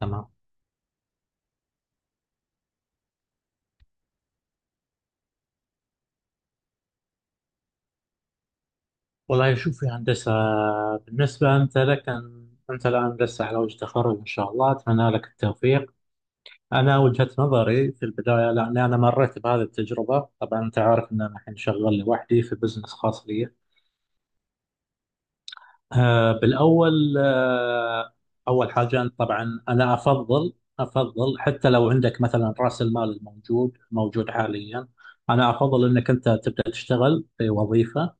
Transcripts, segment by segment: تمام. والله شوف يا هندسة، بالنسبة أنت لك أن أنت الآن لسه على وجه تخرج إن شاء الله، أتمنى لك التوفيق. أنا وجهة نظري في البداية، لأني أنا مريت بهذه التجربة، طبعا أنت عارف أن أنا الحين شغال لوحدي في بزنس خاص لي. آه بالأول آه أول حاجة أنت طبعا أنا أفضل حتى لو عندك مثلا رأس المال موجود حاليا، أنا أفضل أنك أنت تبدأ تشتغل في وظيفة،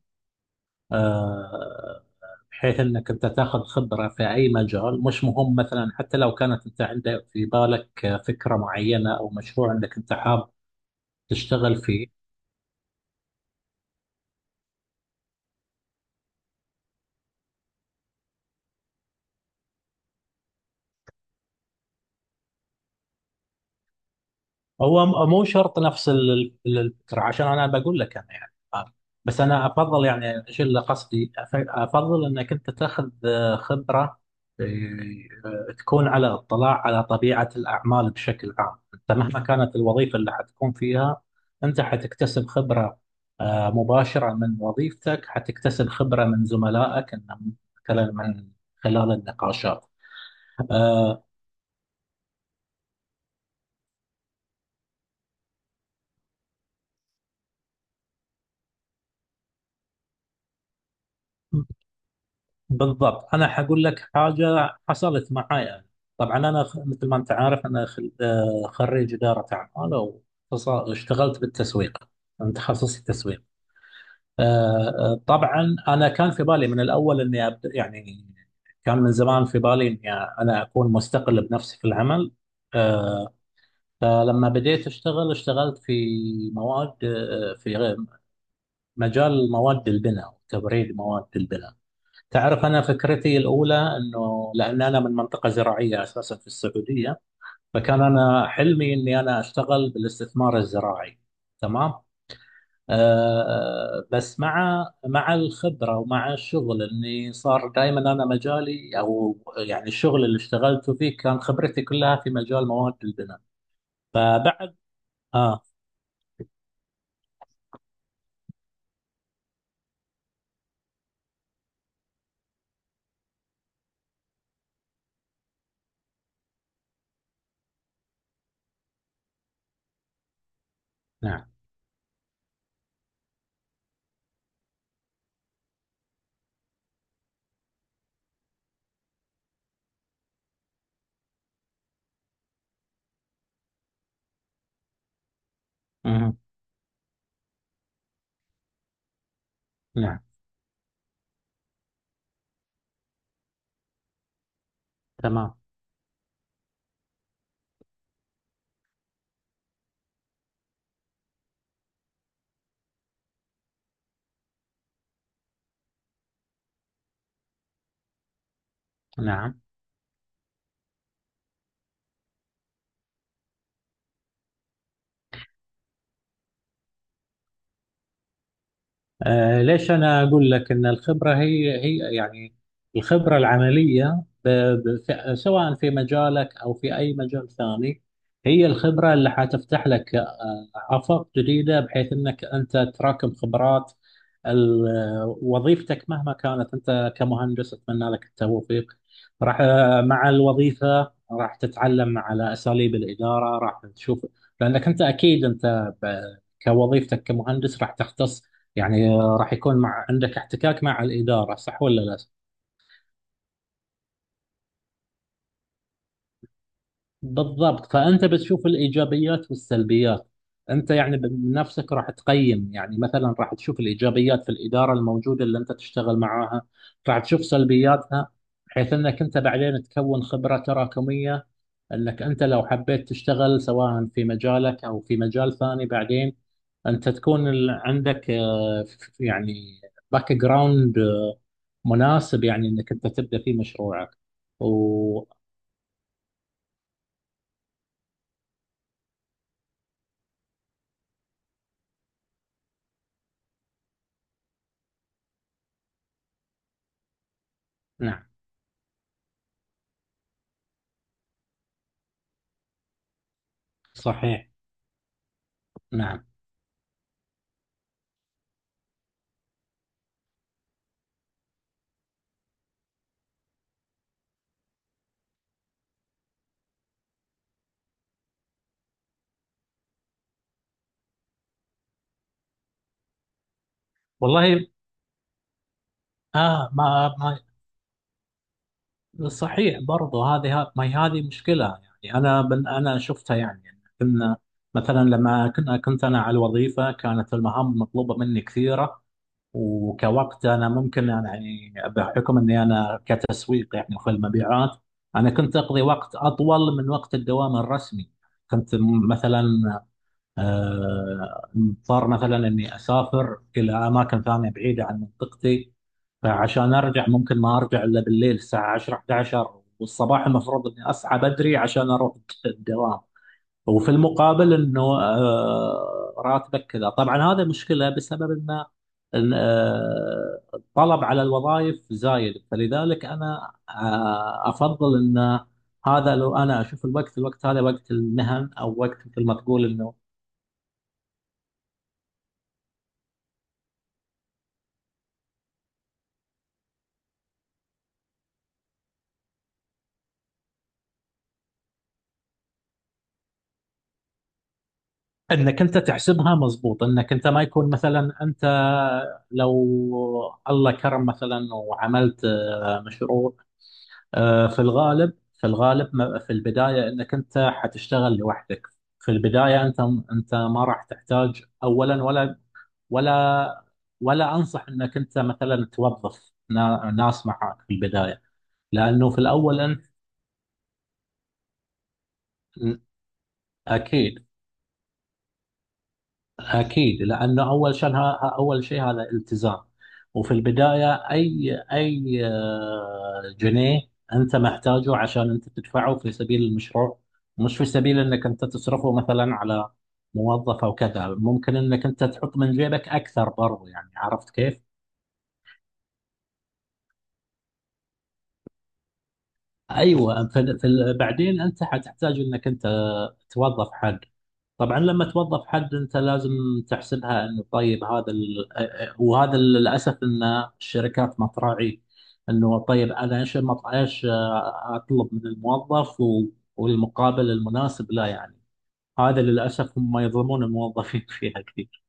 آه، بحيث انك انت تاخذ خبره في اي مجال، مش مهم مثلا، حتى لو كانت انت عندك في بالك فكره معينه او مشروع انك انت حاب تشتغل فيه. هو مو شرط نفس الفكرة عشان أنا بقول لك أنا يعني. بس أنا أفضل، يعني إيش اللي قصدي، أفضل أنك أنت تاخذ خبرة، آه، تكون على اطلاع على طبيعة الأعمال بشكل عام. أنت مهما كانت الوظيفة اللي حتكون فيها أنت حتكتسب خبرة مباشرة من وظيفتك، حتكتسب خبرة من زملائك، إن مثلا من خلال النقاشات. آه، بالضبط، انا حقول لك حاجه حصلت معاي أنا. طبعا انا مثل ما انت عارف انا خريج اداره اعمال واشتغلت بالتسويق، انا تخصصي تسويق. آه، طبعا انا كان في بالي من الاول اني أبدأ، يعني كان من زمان في بالي اني انا اكون مستقل بنفسي في العمل. آه، فلما بديت اشتغل، اشتغلت في مواد، في مجال مواد البناء، تبريد مواد البناء. تعرف أنا فكرتي الأولى أنه لأن أنا من منطقة زراعية أساسا في السعودية، فكان أنا حلمي أني أنا أشتغل بالاستثمار الزراعي. تمام. أه آه، بس مع الخبرة ومع الشغل، أني صار دائما أنا مجالي، أو يعني الشغل اللي اشتغلته فيه كان خبرتي كلها في مجال مواد البناء. فبعد آه نعم. مهم. نعم. تمام. نعم. ليش أنا أقول لك أن الخبرة هي يعني الخبرة العملية، سواء في مجالك أو في أي مجال ثاني، هي الخبرة اللي حتفتح لك آفاق جديدة، بحيث أنك أنت تراكم خبرات. وظيفتك مهما كانت، أنت كمهندس أتمنى لك التوفيق، راح، مع الوظيفة راح تتعلم على أساليب الإدارة، راح تشوف، لأنك أنت أكيد كوظيفتك كمهندس راح تختص، يعني راح يكون مع عندك احتكاك مع الإدارة، صح ولا لا؟ بالضبط، فأنت بتشوف الإيجابيات والسلبيات، أنت يعني بنفسك راح تقيم، يعني مثلا راح تشوف الإيجابيات في الإدارة الموجودة اللي أنت تشتغل معاها، راح تشوف سلبياتها، بحيث أنك أنت بعدين تكون خبرة تراكمية، أنك أنت لو حبيت تشتغل سواء في مجالك أو في مجال ثاني بعدين أنت تكون عندك يعني باك جراوند مناسب، يعني أنك أنت تبدأ فيه مشروعك. ونعم. صحيح. نعم. والله ما, صحيح، برضه هذه، ما هي هذه مشكله. يعني انا من انا شفتها، يعني كنا، مثلا لما كنت انا على الوظيفه كانت المهام مطلوبه مني كثيره، وكوقت انا ممكن أنا، يعني بحكم اني انا كتسويق يعني في المبيعات، انا كنت اقضي وقت اطول من وقت الدوام الرسمي. كنت مثلا مضطر مثلا اني اسافر الى اماكن ثانيه بعيده عن منطقتي، فعشان ارجع ممكن ما ارجع الا بالليل الساعه 10 11، والصباح المفروض اني اصحى بدري عشان اروح الدوام. وفي المقابل انه راتبك كذا، طبعا هذا مشكله بسبب ان إن، آه، الطلب على الوظائف زايد، فلذلك انا افضل ان، هذا لو انا اشوف الوقت هذا وقت المهن او وقت مثل ما تقول، انه انك انت تحسبها مضبوط، انك انت ما يكون مثلا انت، لو الله كرم مثلا وعملت مشروع، في الغالب، في البدايه انك انت حتشتغل لوحدك. في البدايه انت، انت ما راح تحتاج اولا، ولا ولا انصح انك انت مثلا توظف ناس معك في البدايه، لانه في الاول انت، اكيد. أكيد لأنه أول شيء، أول شيء هذا التزام. وفي البداية أي جنيه أنت محتاجه عشان أنت تدفعه في سبيل المشروع، مش في سبيل أنك أنت تصرفه مثلا على موظف أو كذا. ممكن أنك أنت تحط من جيبك أكثر برضو، يعني عرفت كيف؟ أيوة، في بعدين أنت حتحتاج أنك أنت توظف حد. طبعا لما توظف حد انت لازم تحسبها، انه طيب هذا ال... وهذا للاسف، ان الشركات ما تراعي انه، طيب انا ايش ايش اطلب من الموظف و... والمقابل المناسب، لا يعني هذا للاسف، هم يظلمون الموظفين فيها كثير.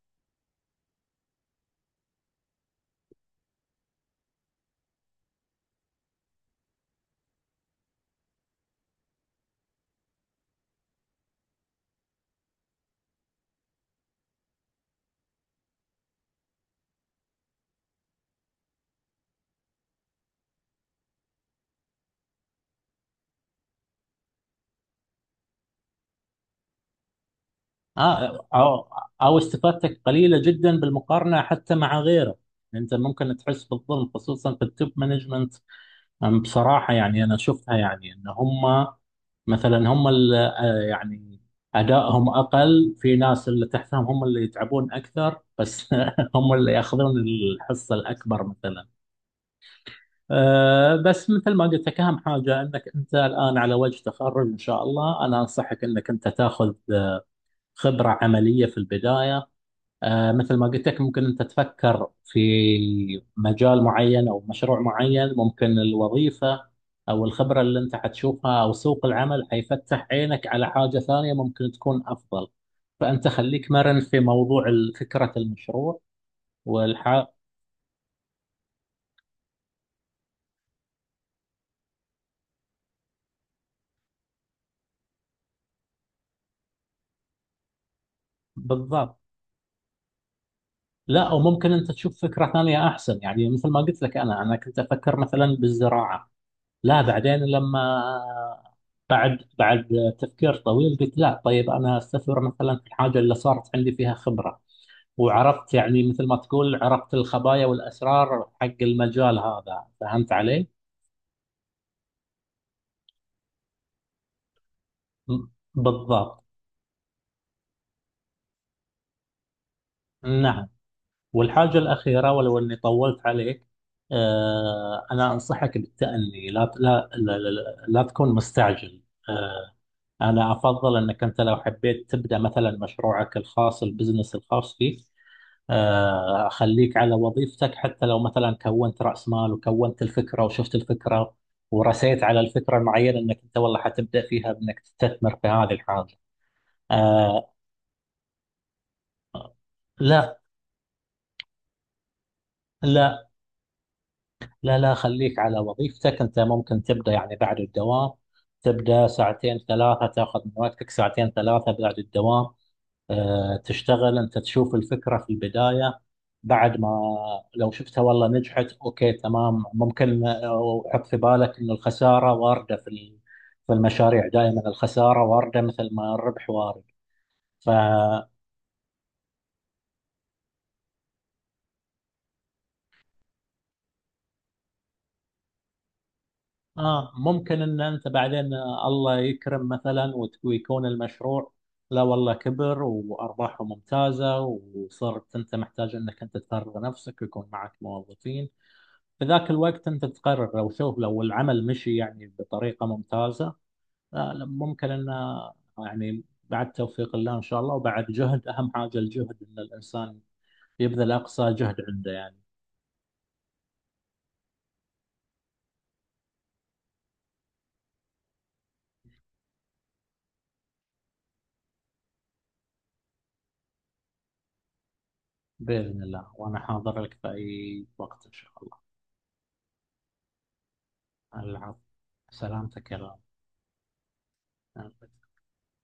آه او او استفادتك قليله جدا بالمقارنه حتى مع غيره، انت ممكن تحس بالظلم خصوصا في التوب مانجمنت. بصراحه يعني انا شفتها، يعني ان هم مثلا، هم اللي يعني أدائهم أقل في ناس اللي تحتهم، هم اللي يتعبون أكثر، بس هم اللي يأخذون الحصة الأكبر مثلا. بس مثل ما قلت لك، أهم حاجة أنك أنت الآن على وجه تخرج إن شاء الله، أنا أنصحك أنك أنت تاخذ خبرة عملية في البداية. مثل ما قلت لك، ممكن أنت تفكر في مجال معين أو مشروع معين، ممكن الوظيفة أو الخبرة اللي أنت حتشوفها أو سوق العمل حيفتح عينك على حاجة ثانية ممكن تكون أفضل، فأنت خليك مرن في موضوع فكرة المشروع. والح بالضبط. لا، أو ممكن أنت تشوف فكرة ثانية أحسن. يعني مثل ما قلت لك، أنا كنت أفكر مثلا بالزراعة، لا بعدين لما، بعد تفكير طويل قلت لا، طيب انا استثمر مثلا في الحاجه اللي صارت عندي فيها خبره، وعرفت يعني مثل ما تقول، عرفت الخبايا والاسرار حق المجال هذا، فهمت علي؟ م- بالضبط. نعم. والحاجه الاخيره، ولو اني طولت عليك، انا انصحك بالتأني. لا، لا، لا، لا، لا تكون مستعجل. آه، أنا أفضل أنك أنت لو حبيت تبدأ مثلا مشروعك الخاص، البزنس الخاص فيك، أخليك على وظيفتك، حتى لو مثلا كونت رأس مال وكونت الفكرة وشفت الفكرة ورسيت على الفكرة المعينة، أنك أنت والله حتبدأ فيها بأنك تستثمر في هذه الحاجة. آه، لا. لا، لا، لا، خليك على وظيفتك. أنت ممكن تبدأ يعني بعد الدوام، تبدأ ساعتين 3، تاخذ من وقتك ساعتين 3 بعد الدوام، تشتغل انت تشوف الفكرة في البداية، بعد ما، لو شفتها والله نجحت، اوكي تمام. ممكن وحط في بالك انه الخسارة واردة في في المشاريع، دائما الخسارة واردة مثل ما الربح وارد. ف اه، ممكن ان انت بعدين الله يكرم مثلا ويكون المشروع، لا والله، كبر وارباحه ممتازة وصرت انت محتاج انك انت تفرغ نفسك ويكون معك موظفين، في ذاك الوقت أنت تقرر. لو شوف، لو العمل مشي يعني بطريقة ممتازة، لا لا، ممكن أنه يعني بعد توفيق الله إن شاء الله وبعد جهد، أهم حاجة الجهد، أن الإنسان يبذل أقصى جهد عنده يعني. بإذن الله، وأنا حاضر لك في أي وقت إن شاء الله. العفو. سلامتك يا رب.